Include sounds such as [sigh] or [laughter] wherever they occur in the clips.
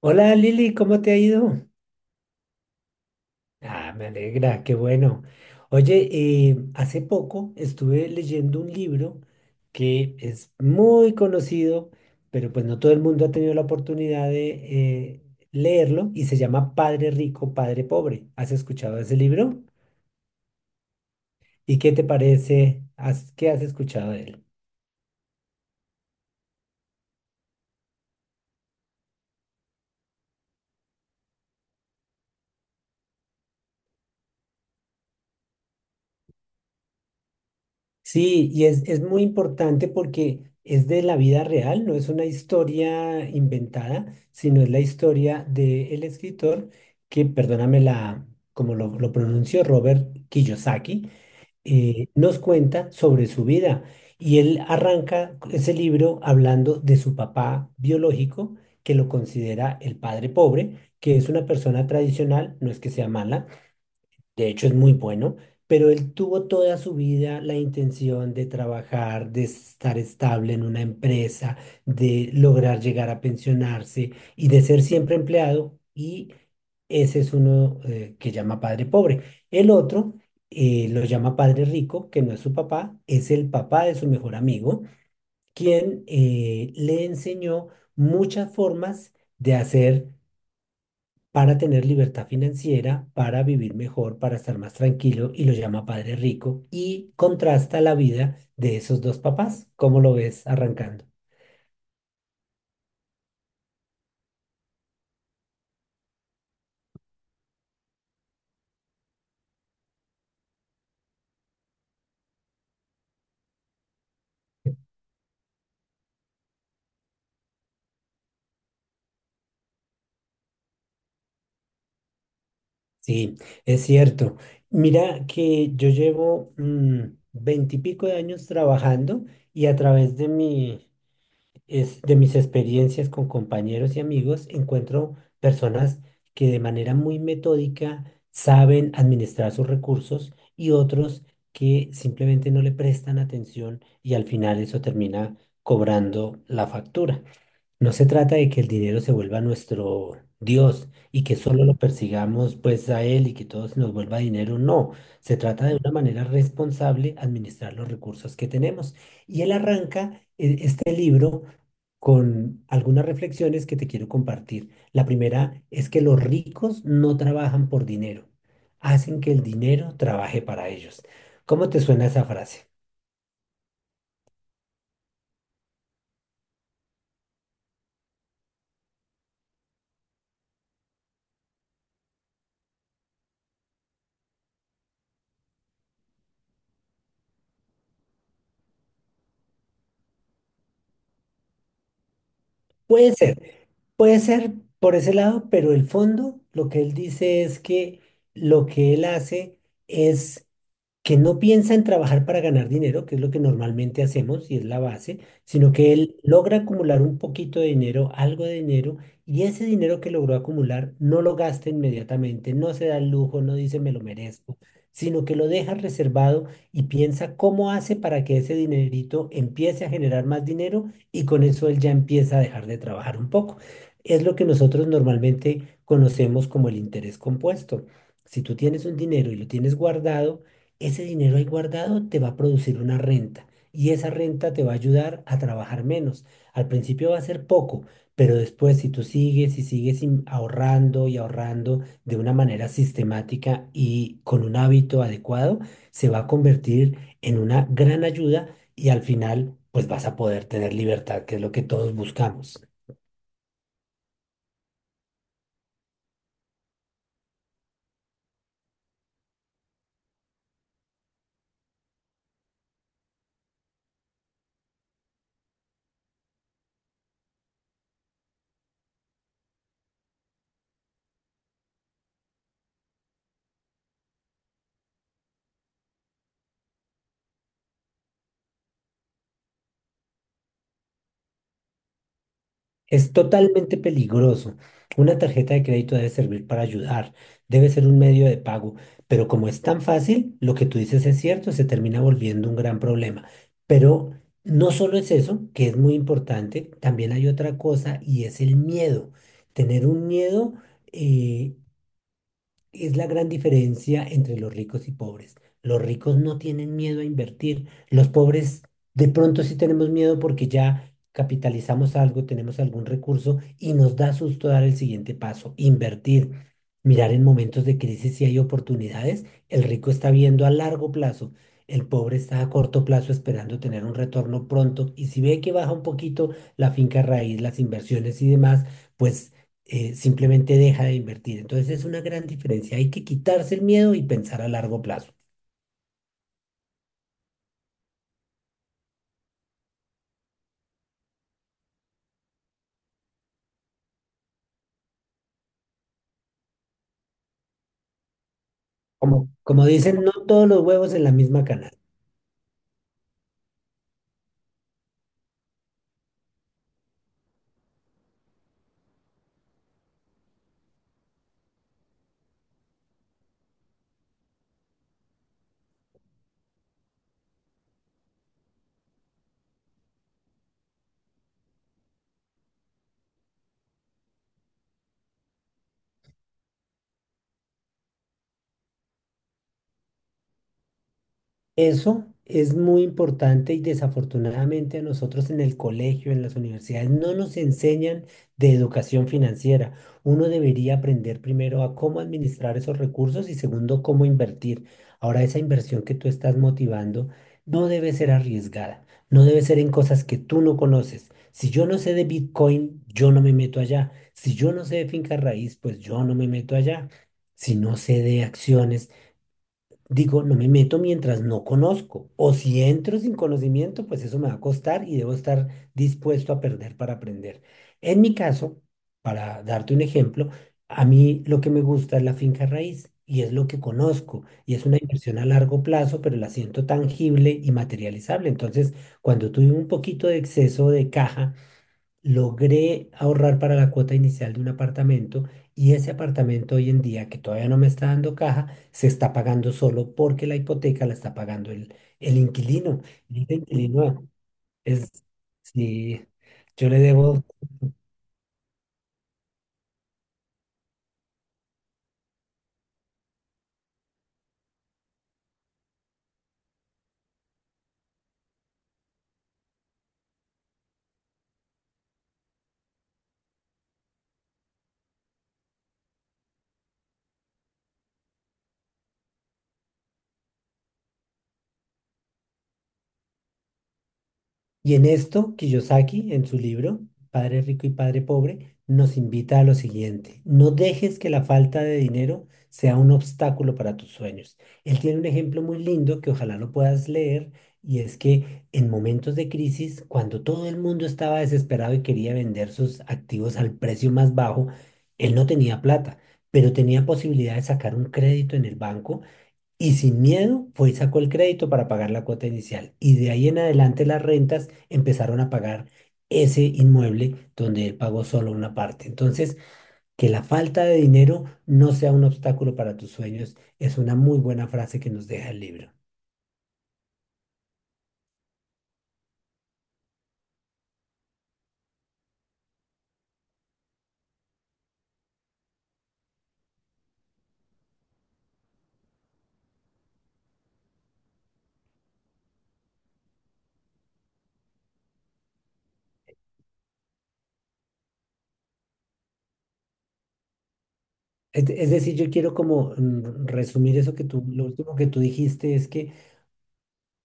Hola Lili, ¿cómo te ha ido? Ah, me alegra, qué bueno. Oye, hace poco estuve leyendo un libro que es muy conocido, pero pues no todo el mundo ha tenido la oportunidad de leerlo y se llama Padre Rico, Padre Pobre. ¿Has escuchado ese libro? ¿Y qué te parece? Qué has escuchado de él? Sí, y es muy importante porque es de la vida real, no es una historia inventada, sino es la historia del escritor que, perdóname la, como lo pronuncio, Robert Kiyosaki, nos cuenta sobre su vida. Y él arranca ese libro hablando de su papá biológico, que lo considera el padre pobre, que es una persona tradicional, no es que sea mala, de hecho, es muy bueno, pero él tuvo toda su vida la intención de trabajar, de estar estable en una empresa, de lograr llegar a pensionarse y de ser siempre empleado. Y ese es uno que llama padre pobre. El otro lo llama padre rico, que no es su papá, es el papá de su mejor amigo, quien le enseñó muchas formas de hacer para tener libertad financiera, para vivir mejor, para estar más tranquilo y lo llama padre rico y contrasta la vida de esos dos papás. ¿Cómo lo ves arrancando? Sí, es cierto. Mira que yo llevo veintipico de años trabajando y a través de mi es de mis experiencias con compañeros y amigos, encuentro personas que de manera muy metódica saben administrar sus recursos y otros que simplemente no le prestan atención y al final eso termina cobrando la factura. No se trata de que el dinero se vuelva nuestro Dios y que solo lo persigamos pues a él y que todo se nos vuelva dinero, no. Se trata de una manera responsable administrar los recursos que tenemos. Y él arranca este libro con algunas reflexiones que te quiero compartir. La primera es que los ricos no trabajan por dinero, hacen que el dinero trabaje para ellos. ¿Cómo te suena esa frase? Puede ser, puede ser por ese lado, pero el fondo, lo que él dice es que lo que él hace es que no piensa en trabajar para ganar dinero, que es lo que normalmente hacemos y es la base, sino que él logra acumular un poquito de dinero, algo de dinero, y ese dinero que logró acumular no lo gasta inmediatamente, no se da el lujo, no dice me lo merezco, sino que lo deja reservado y piensa cómo hace para que ese dinerito empiece a generar más dinero y con eso él ya empieza a dejar de trabajar un poco. Es lo que nosotros normalmente conocemos como el interés compuesto. Si tú tienes un dinero y lo tienes guardado, ese dinero ahí guardado te va a producir una renta y esa renta te va a ayudar a trabajar menos. Al principio va a ser poco, pero después si tú sigues y ahorrando y ahorrando de una manera sistemática y con un hábito adecuado, se va a convertir en una gran ayuda y al final pues vas a poder tener libertad, que es lo que todos buscamos. Es totalmente peligroso. Una tarjeta de crédito debe servir para ayudar, debe ser un medio de pago, pero como es tan fácil, lo que tú dices es cierto, se termina volviendo un gran problema. Pero no solo es eso, que es muy importante, también hay otra cosa y es el miedo. Tener un miedo eh, es la gran diferencia entre los ricos y pobres. Los ricos no tienen miedo a invertir. Los pobres de pronto sí tenemos miedo porque ya capitalizamos algo, tenemos algún recurso y nos da susto dar el siguiente paso, invertir. Mirar en momentos de crisis si hay oportunidades. El rico está viendo a largo plazo. El pobre está a corto plazo esperando tener un retorno pronto. Y si ve que baja un poquito la finca raíz, las inversiones y demás, pues simplemente deja de invertir. Entonces es una gran diferencia. Hay que quitarse el miedo y pensar a largo plazo. Como, como dicen, no todos los huevos en la misma canasta. Eso es muy importante y desafortunadamente a nosotros en el colegio, en las universidades, no nos enseñan de educación financiera. Uno debería aprender primero a cómo administrar esos recursos y segundo, cómo invertir. Ahora, esa inversión que tú estás motivando no debe ser arriesgada, no debe ser en cosas que tú no conoces. Si yo no sé de Bitcoin, yo no me meto allá. Si yo no sé de finca raíz, pues yo no me meto allá. Si no sé de acciones, digo, no me meto mientras no conozco. O si entro sin conocimiento, pues eso me va a costar y debo estar dispuesto a perder para aprender. En mi caso, para darte un ejemplo, a mí lo que me gusta es la finca raíz y es lo que conozco y es una inversión a largo plazo, pero la siento tangible y materializable. Entonces, cuando tuve un poquito de exceso de caja, logré ahorrar para la cuota inicial de un apartamento y ese apartamento hoy en día, que todavía no me está dando caja, se está pagando solo porque la hipoteca la está pagando el inquilino. Y el inquilino es, sí, yo le debo. Y en esto, Kiyosaki, en su libro, Padre Rico y Padre Pobre, nos invita a lo siguiente. No dejes que la falta de dinero sea un obstáculo para tus sueños. Él tiene un ejemplo muy lindo que ojalá lo puedas leer, y es que en momentos de crisis, cuando todo el mundo estaba desesperado y quería vender sus activos al precio más bajo, él no tenía plata, pero tenía posibilidad de sacar un crédito en el banco y sin miedo fue y sacó el crédito para pagar la cuota inicial. Y de ahí en adelante las rentas empezaron a pagar ese inmueble donde él pagó solo una parte. Entonces, que la falta de dinero no sea un obstáculo para tus sueños es una muy buena frase que nos deja el libro. Es decir, yo quiero como resumir eso que tú, lo último que tú dijiste es que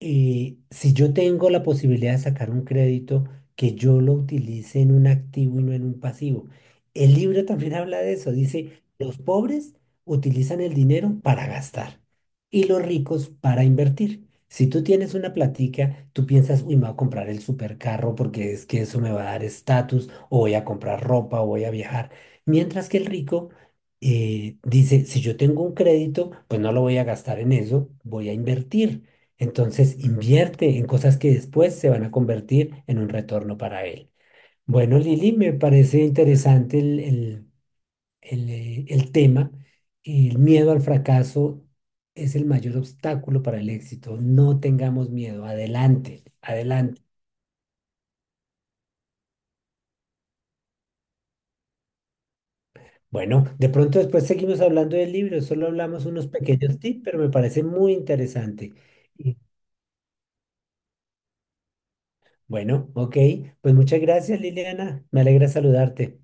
si yo tengo la posibilidad de sacar un crédito, que yo lo utilice en un activo y no en un pasivo. El libro también [laughs] habla de eso. Dice, los pobres utilizan el dinero para gastar y los ricos para invertir. Si tú tienes una platica, tú piensas, uy, me voy a comprar el supercarro porque es que eso me va a dar estatus, o voy a comprar ropa, o voy a viajar. Mientras que el rico dice, si yo tengo un crédito, pues no lo voy a gastar en eso, voy a invertir. Entonces invierte en cosas que después se van a convertir en un retorno para él. Bueno, Lili, me parece interesante el tema. El miedo al fracaso es el mayor obstáculo para el éxito. No tengamos miedo. Adelante, adelante. Bueno, de pronto después seguimos hablando del libro. Solo hablamos unos pequeños tips, pero me parece muy interesante. Y, bueno, ok. Pues muchas gracias, Liliana. Me alegra saludarte.